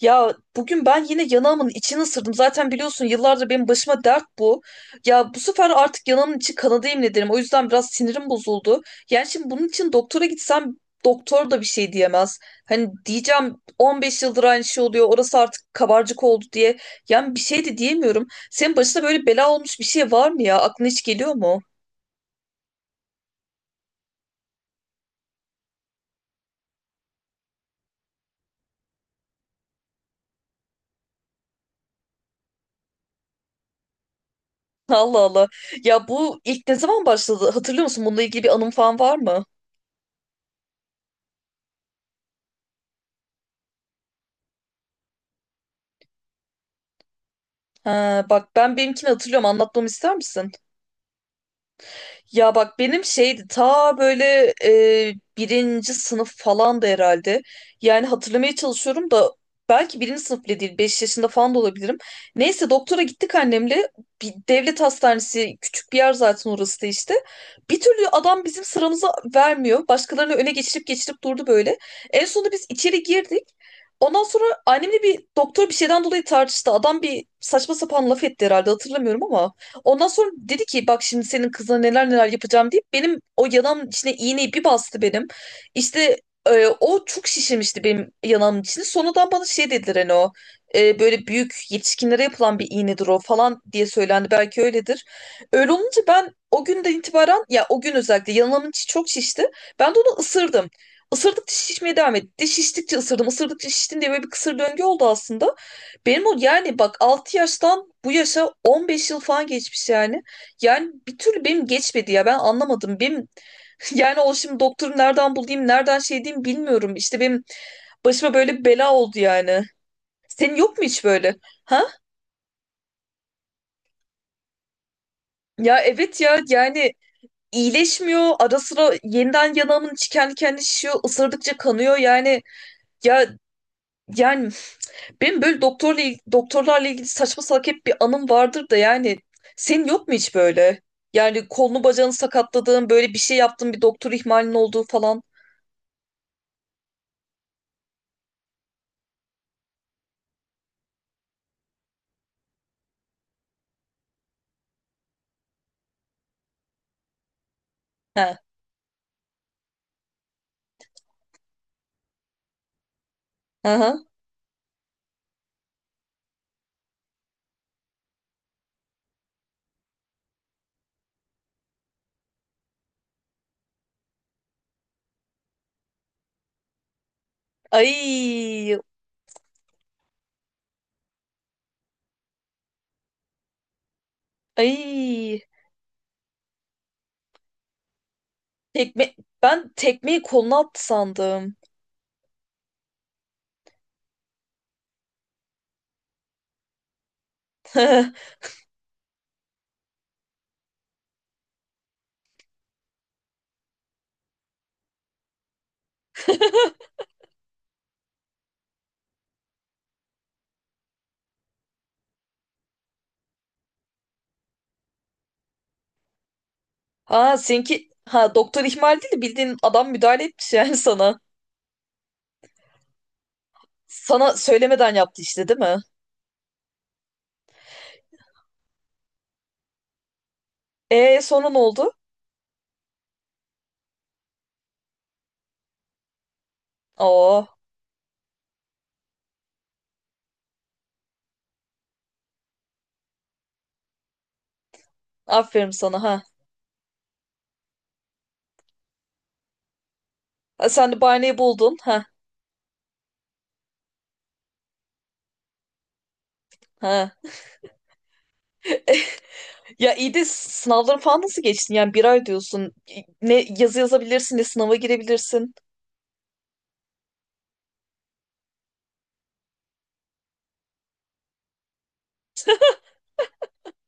Ya bugün ben yine yanağımın içini ısırdım. Zaten biliyorsun yıllardır benim başıma dert bu. Ya bu sefer artık yanağımın içi kanadı yemin ederim. O yüzden biraz sinirim bozuldu. Yani şimdi bunun için doktora gitsem doktor da bir şey diyemez. Hani diyeceğim 15 yıldır aynı şey oluyor. Orası artık kabarcık oldu diye. Yani bir şey de diyemiyorum. Senin başına böyle bela olmuş bir şey var mı ya? Aklına hiç geliyor mu? Allah Allah. Ya bu ilk ne zaman başladı? Hatırlıyor musun? Bununla ilgili bir anım falan var mı? Ha, bak ben benimkini hatırlıyorum. Anlatmamı ister misin? Ya bak benim şeydi ta böyle birinci sınıf falan da herhalde. Yani hatırlamaya çalışıyorum da belki birinci sınıf bile değil. 5 yaşında falan da olabilirim. Neyse doktora gittik annemle. Bir devlet hastanesi küçük bir yer zaten orası da işte. Bir türlü adam bizim sıramızı vermiyor. Başkalarını öne geçirip geçirip durdu böyle. En sonunda biz içeri girdik. Ondan sonra annemle bir doktor bir şeyden dolayı tartıştı. Adam bir saçma sapan laf etti herhalde hatırlamıyorum ama. Ondan sonra dedi ki bak şimdi senin kızına neler neler yapacağım deyip benim o yanağımın içine iğneyi bir bastı benim. İşte o çok şişirmişti benim yanağımın içini. Sonradan bana şey dediler hani o böyle büyük yetişkinlere yapılan bir iğnedir o falan diye söylendi. Belki öyledir. Öyle olunca ben o günden itibaren ya o gün özellikle yanağımın içi çok şişti. Ben de onu ısırdım. Isırdıkça şişmeye devam etti. Şiştikçe ısırdım, ısırdıkça şiştim diye böyle bir kısır döngü oldu aslında. Benim o yani bak 6 yaştan bu yaşa 15 yıl falan geçmiş yani. Yani bir türlü benim geçmedi ya ben anlamadım. Benim yani o şimdi doktoru nereden bulayım nereden şey diyeyim bilmiyorum. İşte benim başıma böyle bir bela oldu yani. Senin yok mu hiç böyle? Ha? Ya evet ya yani iyileşmiyor. Ara sıra yeniden yanağımın içi kendi kendine şişiyor. Isırdıkça kanıyor yani. Ya yani benim böyle doktorlarla ilgili saçma salak hep bir anım vardır da yani senin yok mu hiç böyle? Yani kolunu bacağını sakatladığın böyle bir şey yaptığın bir doktor ihmalinin olduğu falan. He. Aha. Ay. Ay. Tekme ben tekmeyi koluna attı sandım. Ha seninki ha doktor ihmal değil de bildiğin adam müdahale etmiş yani sana. Sana söylemeden yaptı işte değil mi? E sonra ne oldu? Oo, aferin sana ha. Ha, sen de bahaneyi buldun ha. Ha. Ya iyi de sınavları falan nasıl geçtin? Yani bir ay diyorsun. Ne yazı yazabilirsin ne sınava girebilirsin.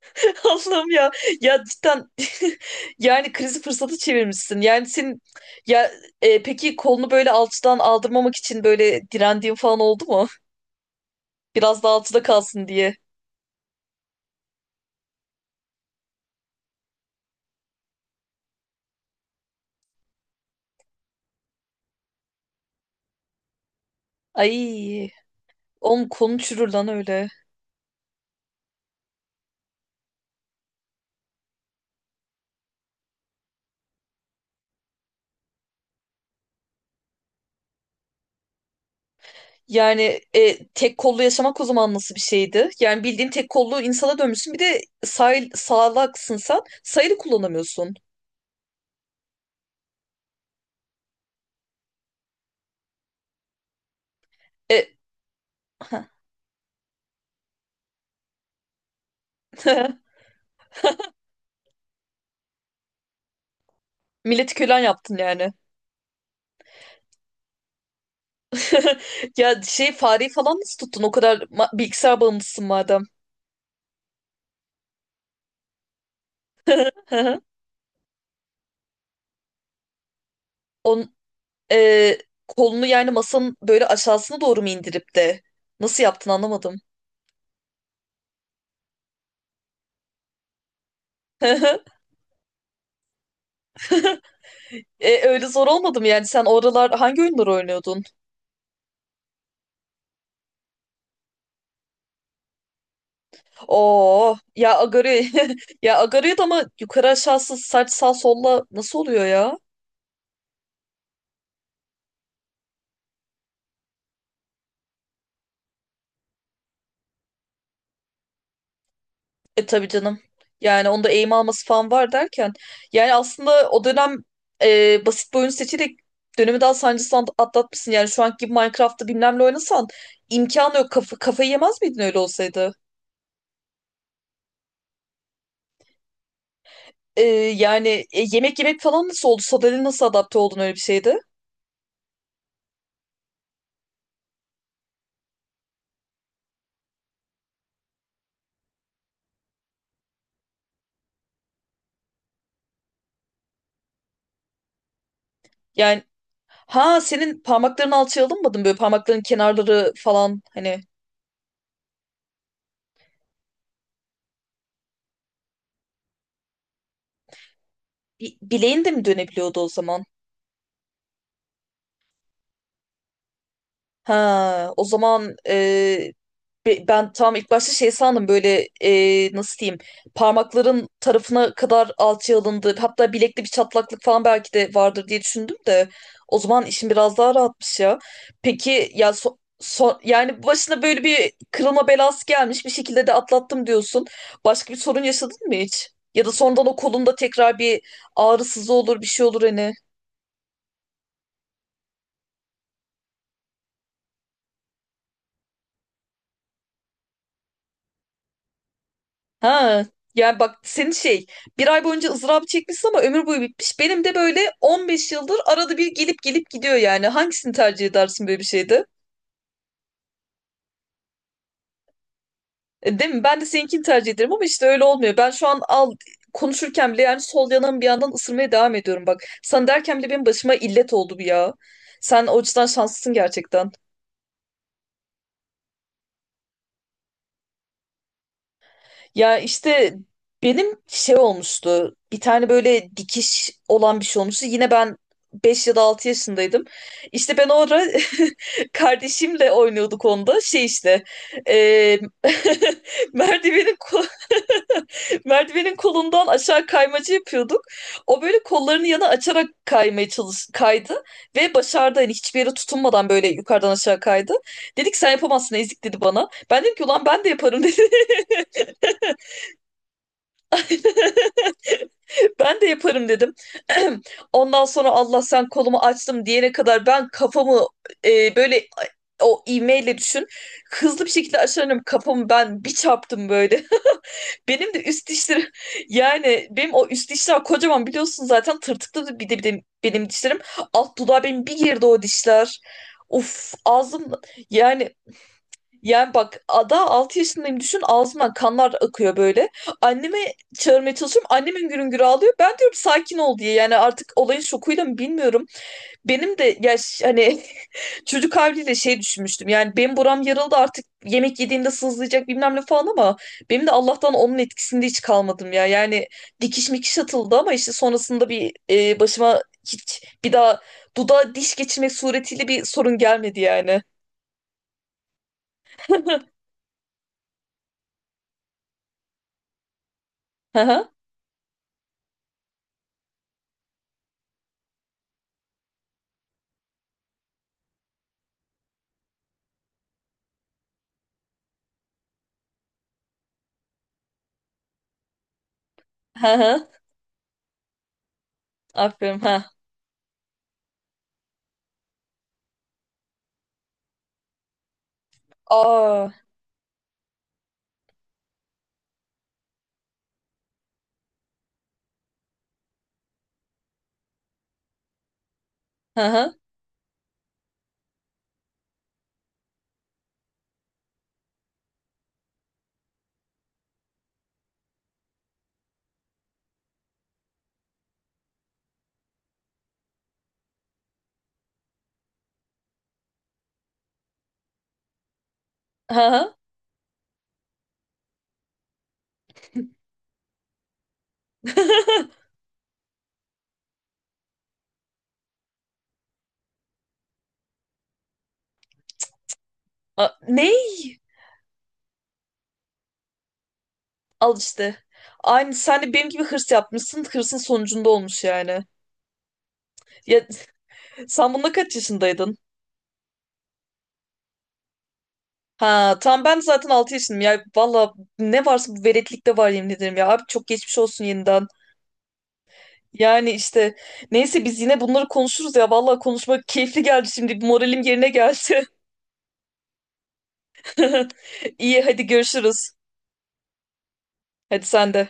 Allah'ım ya. Ya cidden yani krizi fırsatı çevirmişsin. Yani senin ya peki kolunu böyle alçıdan aldırmamak için böyle direndiğin falan oldu mu? Biraz daha alçıda kalsın diye. Ay oğlum kolun çürür lan öyle. Yani tek kollu yaşamak o zaman nasıl bir şeydi? Yani bildiğin tek kollu insana dönmüşsün. Bir de sağlaksın sen. Sayılı kullanamıyorsun. E, heh. Milleti kölen yaptın yani. Ya şey fareyi falan nasıl tuttun? O kadar bilgisayar bağımlısın madem. On, e, kolunu yani masanın böyle aşağısına doğru mu indirip de? Nasıl yaptın anlamadım. E, öyle zor olmadı mı yani? Sen oralar hangi oyunları oynuyordun? Oo ya Agario. Ya Agario'da ama yukarı aşağısı saç sağ solla nasıl oluyor ya? E tabii canım. Yani onda eğim alması falan var derken. Yani aslında o dönem basit bir oyun seçerek dönemi daha sancısız atlatmışsın. Yani şu anki gibi Minecraft'ta bilmem ne oynasan imkanı yok. Kafayı yemez miydin öyle olsaydı? E, yani yemek yemek falan nasıl oldu? Sadalin nasıl adapte oldun öyle bir şeyde? Yani. Ha, senin parmakların alçıya alınmadı. Böyle parmakların kenarları falan hani bileğin de mi dönebiliyordu o zaman? Ha, o zaman ben tam ilk başta şey sandım böyle nasıl diyeyim parmakların tarafına kadar alçıya alındı. Hatta bilekli bir çatlaklık falan belki de vardır diye düşündüm de o zaman işin biraz daha rahatmış ya. Peki ya yani başına böyle bir kırılma belası gelmiş bir şekilde de atlattım diyorsun. Başka bir sorun yaşadın mı hiç? Ya da sonradan o kolunda tekrar bir ağrısız olur bir şey olur hani. Ha, yani bak senin şey bir ay boyunca ızdırabı çekmişsin ama ömür boyu bitmiş. Benim de böyle 15 yıldır arada bir gelip gelip gidiyor yani. Hangisini tercih edersin böyle bir şeyde? E, değil mi? Ben de seninkini tercih ederim ama işte öyle olmuyor. Ben şu an konuşurken bile yani sol yanağımı bir yandan ısırmaya devam ediyorum bak. Sana derken bile benim başıma illet oldu bu ya. Sen o açıdan şanslısın gerçekten. Ya işte benim şey olmuştu. Bir tane böyle dikiş olan bir şey olmuştu. Yine ben 5 ya da 6 yaşındaydım. İşte ben orada kardeşimle oynuyorduk onda. Şey işte eee, merdivenin ko- merdivenin kolundan aşağı kaymacı yapıyorduk. O böyle kollarını yana açarak kaymaya çalış kaydı ve başardı. Hani hiçbir yere tutunmadan böyle yukarıdan aşağı kaydı. Dedik sen yapamazsın ezik dedi bana. Ben dedim ki ulan ben de yaparım. Dedi. Ben de yaparım dedim. Ondan sonra Allah sen kolumu açtım diyene kadar ben kafamı böyle o ivmeyle düşün. Hızlı bir şekilde aşarım kafamı ben bir çarptım böyle. Benim de üst dişlerim yani benim o üst dişler kocaman biliyorsun zaten tırtıklı bir de benim dişlerim. Alt dudağı benim bir girdi o dişler. Uf ağzım. Yani yani bak 6 yaşındayım düşün ağzımdan kanlar akıyor böyle. Anneme çağırmaya çalışıyorum. Annem hüngür hüngür ağlıyor. Ben diyorum sakin ol diye. Yani artık olayın şokuyla mı bilmiyorum. Benim de ya hani çocuk haliyle şey düşünmüştüm. Yani benim buram yarıldı artık yemek yediğinde sızlayacak bilmem ne falan ama benim de Allah'tan onun etkisinde hiç kalmadım ya. Yani dikiş mikiş atıldı ama işte sonrasında bir başıma hiç bir daha dudağa diş geçirmek suretiyle bir sorun gelmedi yani. Hı hı. Hı hı. Aferin ha. Aa. Hı hı. Hı hı. Ney? Al işte. Aynı sen de benim gibi hırs yapmışsın. Hırsın sonucunda olmuş yani. Ya sen bunda kaç yaşındaydın? Ha tam ben zaten 6 yaşındayım. Ya valla ne varsa bu veretlikte var yemin ederim ya. Abi çok geçmiş olsun yeniden. Yani işte neyse biz yine bunları konuşuruz ya. Valla konuşmak keyifli geldi şimdi. Moralim yerine geldi. İyi hadi görüşürüz. Hadi sen de.